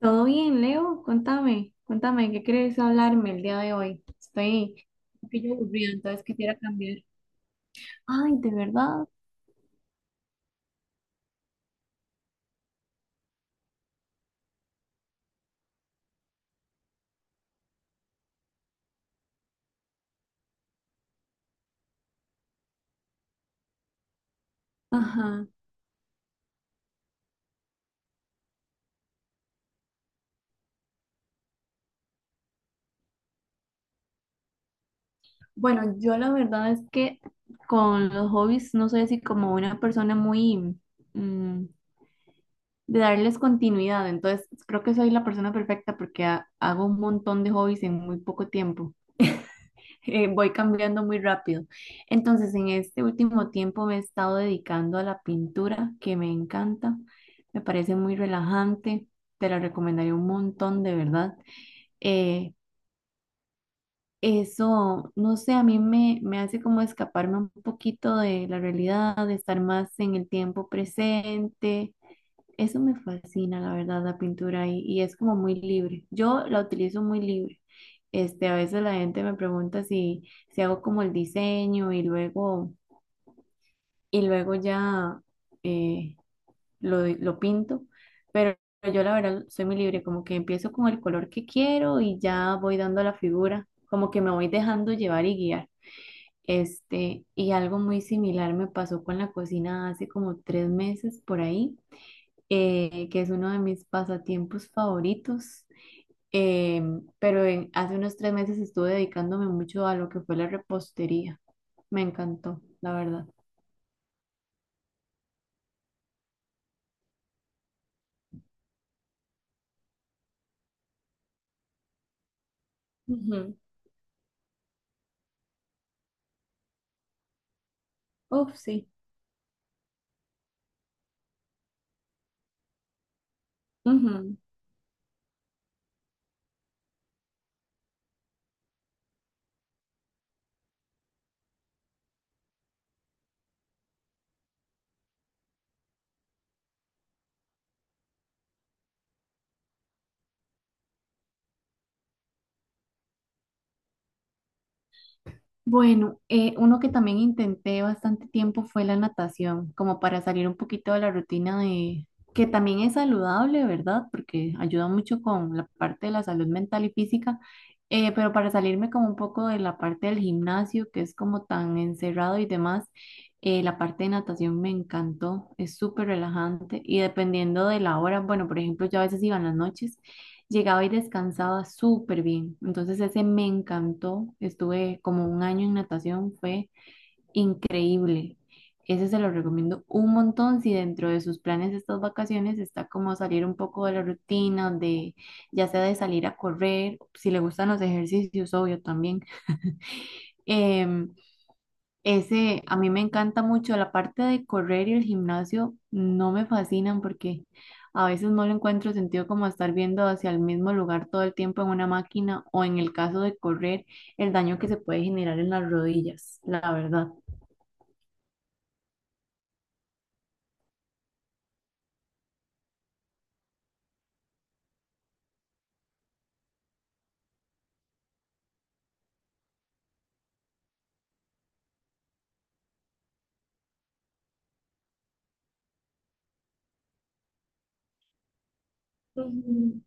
Todo bien, Leo, contame, contame, ¿qué querés hablarme el día de hoy? Estoy un poquillo aburrida, entonces quisiera cambiar. Ay, ¿de verdad? Ajá. Bueno, yo la verdad es que con los hobbies no soy así como una persona muy, mm, de darles continuidad. Entonces, creo que soy la persona perfecta porque hago un montón de hobbies en muy poco tiempo. Voy cambiando muy rápido. Entonces, en este último tiempo me he estado dedicando a la pintura, que me encanta. Me parece muy relajante. Te la recomendaría un montón, de verdad. Eh, Eso, no sé, a mí me hace como escaparme un poquito de la realidad, de estar más en el tiempo presente. Eso me fascina, la verdad, la pintura, y es como muy libre. Yo la utilizo muy libre. Este, a veces la gente me pregunta si, si hago como el diseño y luego ya eh, lo pinto, pero yo la verdad soy muy libre, como que empiezo con el color que quiero y ya voy dando la figura, como que me voy dejando llevar y guiar. Este, y algo muy similar me pasó con la cocina hace como 3 meses por ahí, que es uno de mis pasatiempos favoritos. eh, pero hace unos 3 meses estuve dedicándome mucho a lo que fue la repostería. Me encantó, la verdad. Ujú. Uf, sí. Bueno, uno que también intenté bastante tiempo fue la natación, como para salir un poquito de la rutina de, que también es saludable, ¿verdad? Porque ayuda mucho con la parte de la salud mental y física, pero para salirme como un poco de la parte del gimnasio, que es como tan encerrado y demás, la parte de natación me encantó, es súper relajante, y dependiendo de la hora, bueno, por ejemplo, yo a veces iba en las noches. Llegaba y descansaba súper bien. Entonces ese me encantó. Estuve como un año en natación, fue increíble. Ese se lo recomiendo un montón si dentro de sus planes de estas vacaciones está como salir un poco de la rutina, de ya sea de salir a correr, si le gustan los ejercicios, obvio también. Em, Ese, a mí me encanta mucho la parte de correr, y el gimnasio, no me fascinan porque a veces no le encuentro sentido como estar viendo hacia el mismo lugar todo el tiempo en una máquina, o en el caso de correr, el daño que se puede generar en las rodillas, la verdad. Ujú.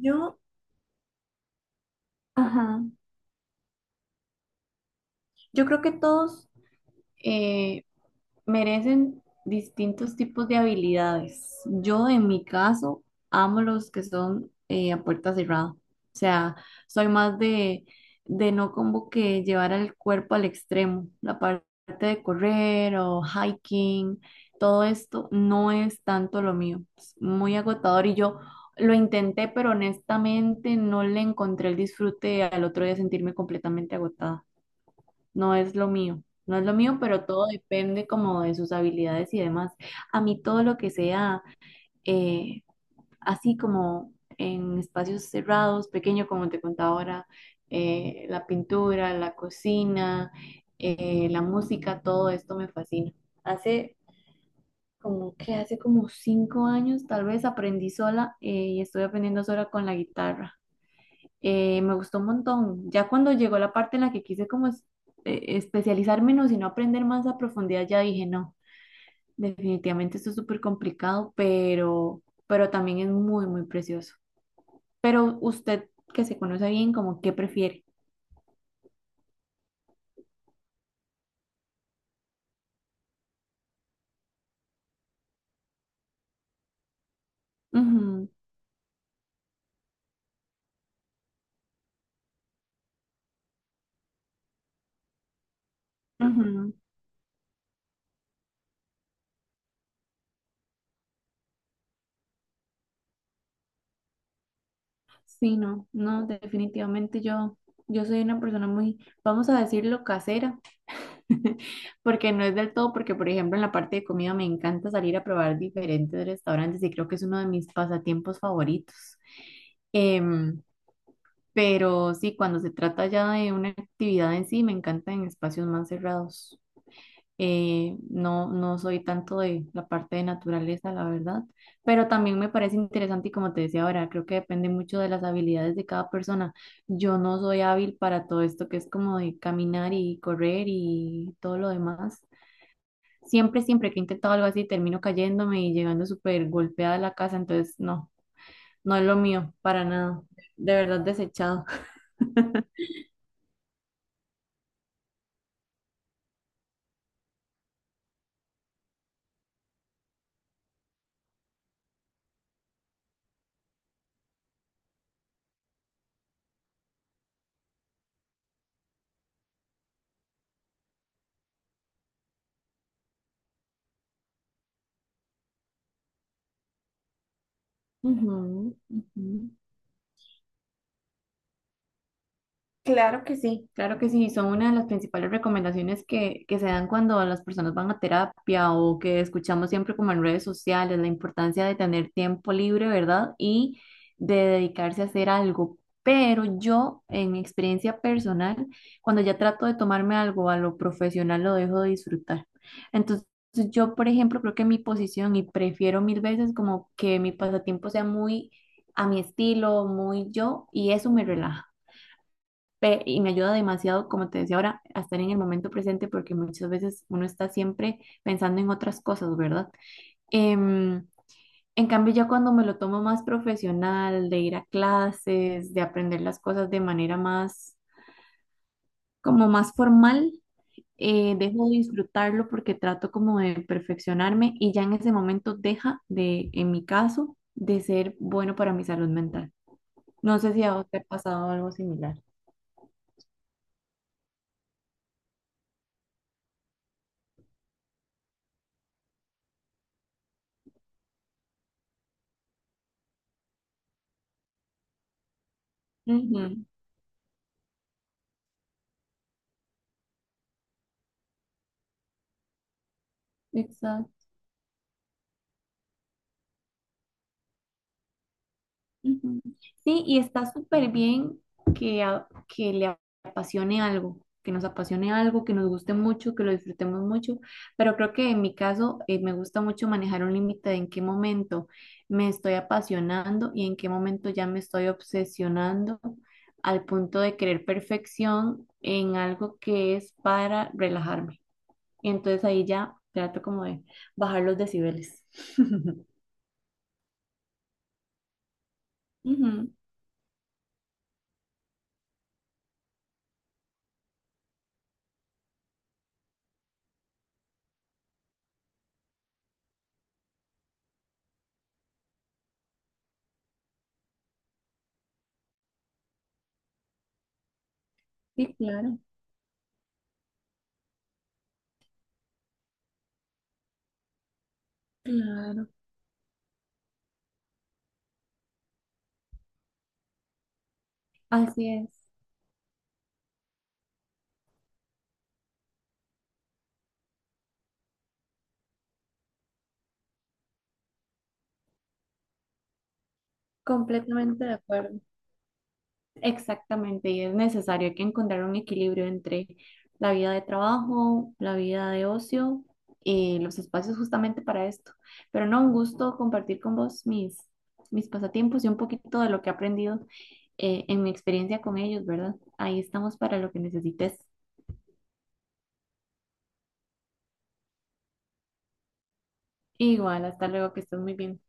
Yo, ajá, yo creo que todos merecen distintos tipos de habilidades. Yo, en mi caso, amo los que son a puerta cerrada. O sea, soy más de no como que llevar el cuerpo al extremo. La parte de correr o hiking, todo esto no es tanto lo mío. Es muy agotador y yo lo intenté, pero honestamente no le encontré el disfrute al otro día sentirme completamente agotada. No es lo mío, no es lo mío, pero todo depende como de sus habilidades y demás. A mí todo lo que sea eh, así como en espacios cerrados, pequeño, como te contaba ahora, la pintura, la cocina, la música, todo esto me fascina. Hace como que hace como 5 años tal vez aprendí sola, y estoy aprendiendo sola con la guitarra. Me gustó un montón. Ya cuando llegó la parte en la que quise como especializarme, no, sino aprender más a profundidad, ya dije, no, definitivamente esto es súper complicado, pero también es muy, muy precioso. Pero usted que se conoce bien, como qué prefiere. Ujú, ujú. Sí, no, no, definitivamente yo, yo soy una persona muy, vamos a decirlo, casera. Porque no es del todo, porque por ejemplo en la parte de comida me encanta salir a probar diferentes restaurantes, y creo que es uno de mis pasatiempos favoritos. Em, pero sí, cuando se trata ya de una actividad en sí, me encanta en espacios más cerrados. No, no soy tanto de la parte de naturaleza, la verdad, pero también me parece interesante, y como te decía ahora, creo que depende mucho de las habilidades de cada persona. Yo no soy hábil para todo esto que es como de caminar y correr y todo lo demás. Siempre, siempre que he intentado algo así, termino cayéndome y llegando súper golpeada a la casa, entonces no, no es lo mío, para nada. De verdad desechado. Ujú, ujú. Claro que sí, claro que sí. Son una de las principales recomendaciones que se dan cuando las personas van a terapia, o que escuchamos siempre como en redes sociales, la importancia de tener tiempo libre, ¿verdad? Y de dedicarse a hacer algo. Pero yo, en mi experiencia personal, cuando ya trato de tomarme algo a lo profesional, lo dejo de disfrutar. Entonces, yo, por ejemplo, creo que mi posición, y prefiero mil veces como que mi pasatiempo sea muy a mi estilo, muy yo, y eso me relaja. Y me ayuda demasiado, como te decía ahora, a estar en el momento presente, porque muchas veces uno está siempre pensando en otras cosas, ¿verdad? Em, en cambio, ya cuando me lo tomo más profesional, de ir a clases, de aprender las cosas de manera más, como más formal, dejo de disfrutarlo porque trato como de perfeccionarme, y ya en ese momento deja de, en mi caso, de ser bueno para mi salud mental. No sé si a vos te ha pasado algo similar. Ujú. Exacto. Ujú. Sí, y está súper bien que le apasione algo, que nos apasione algo, que nos guste mucho, que lo disfrutemos mucho, pero creo que en mi caso me gusta mucho manejar un límite de en qué momento me estoy apasionando y en qué momento ya me estoy obsesionando al punto de querer perfección en algo que es para relajarme. Y entonces ahí ya trato como de bajar los decibeles. Ujú. Sí, claro, claro. Así es, completamente de acuerdo. Exactamente, y es necesario que encontrar un equilibrio entre la vida de trabajo, la vida de ocio, y los espacios justamente para esto. Pero no, un gusto compartir con vos mis, mis pasatiempos y un poquito de lo que he aprendido, en mi experiencia con ellos, ¿verdad? Ahí estamos para lo que necesites. Igual, hasta luego, que estés muy bien.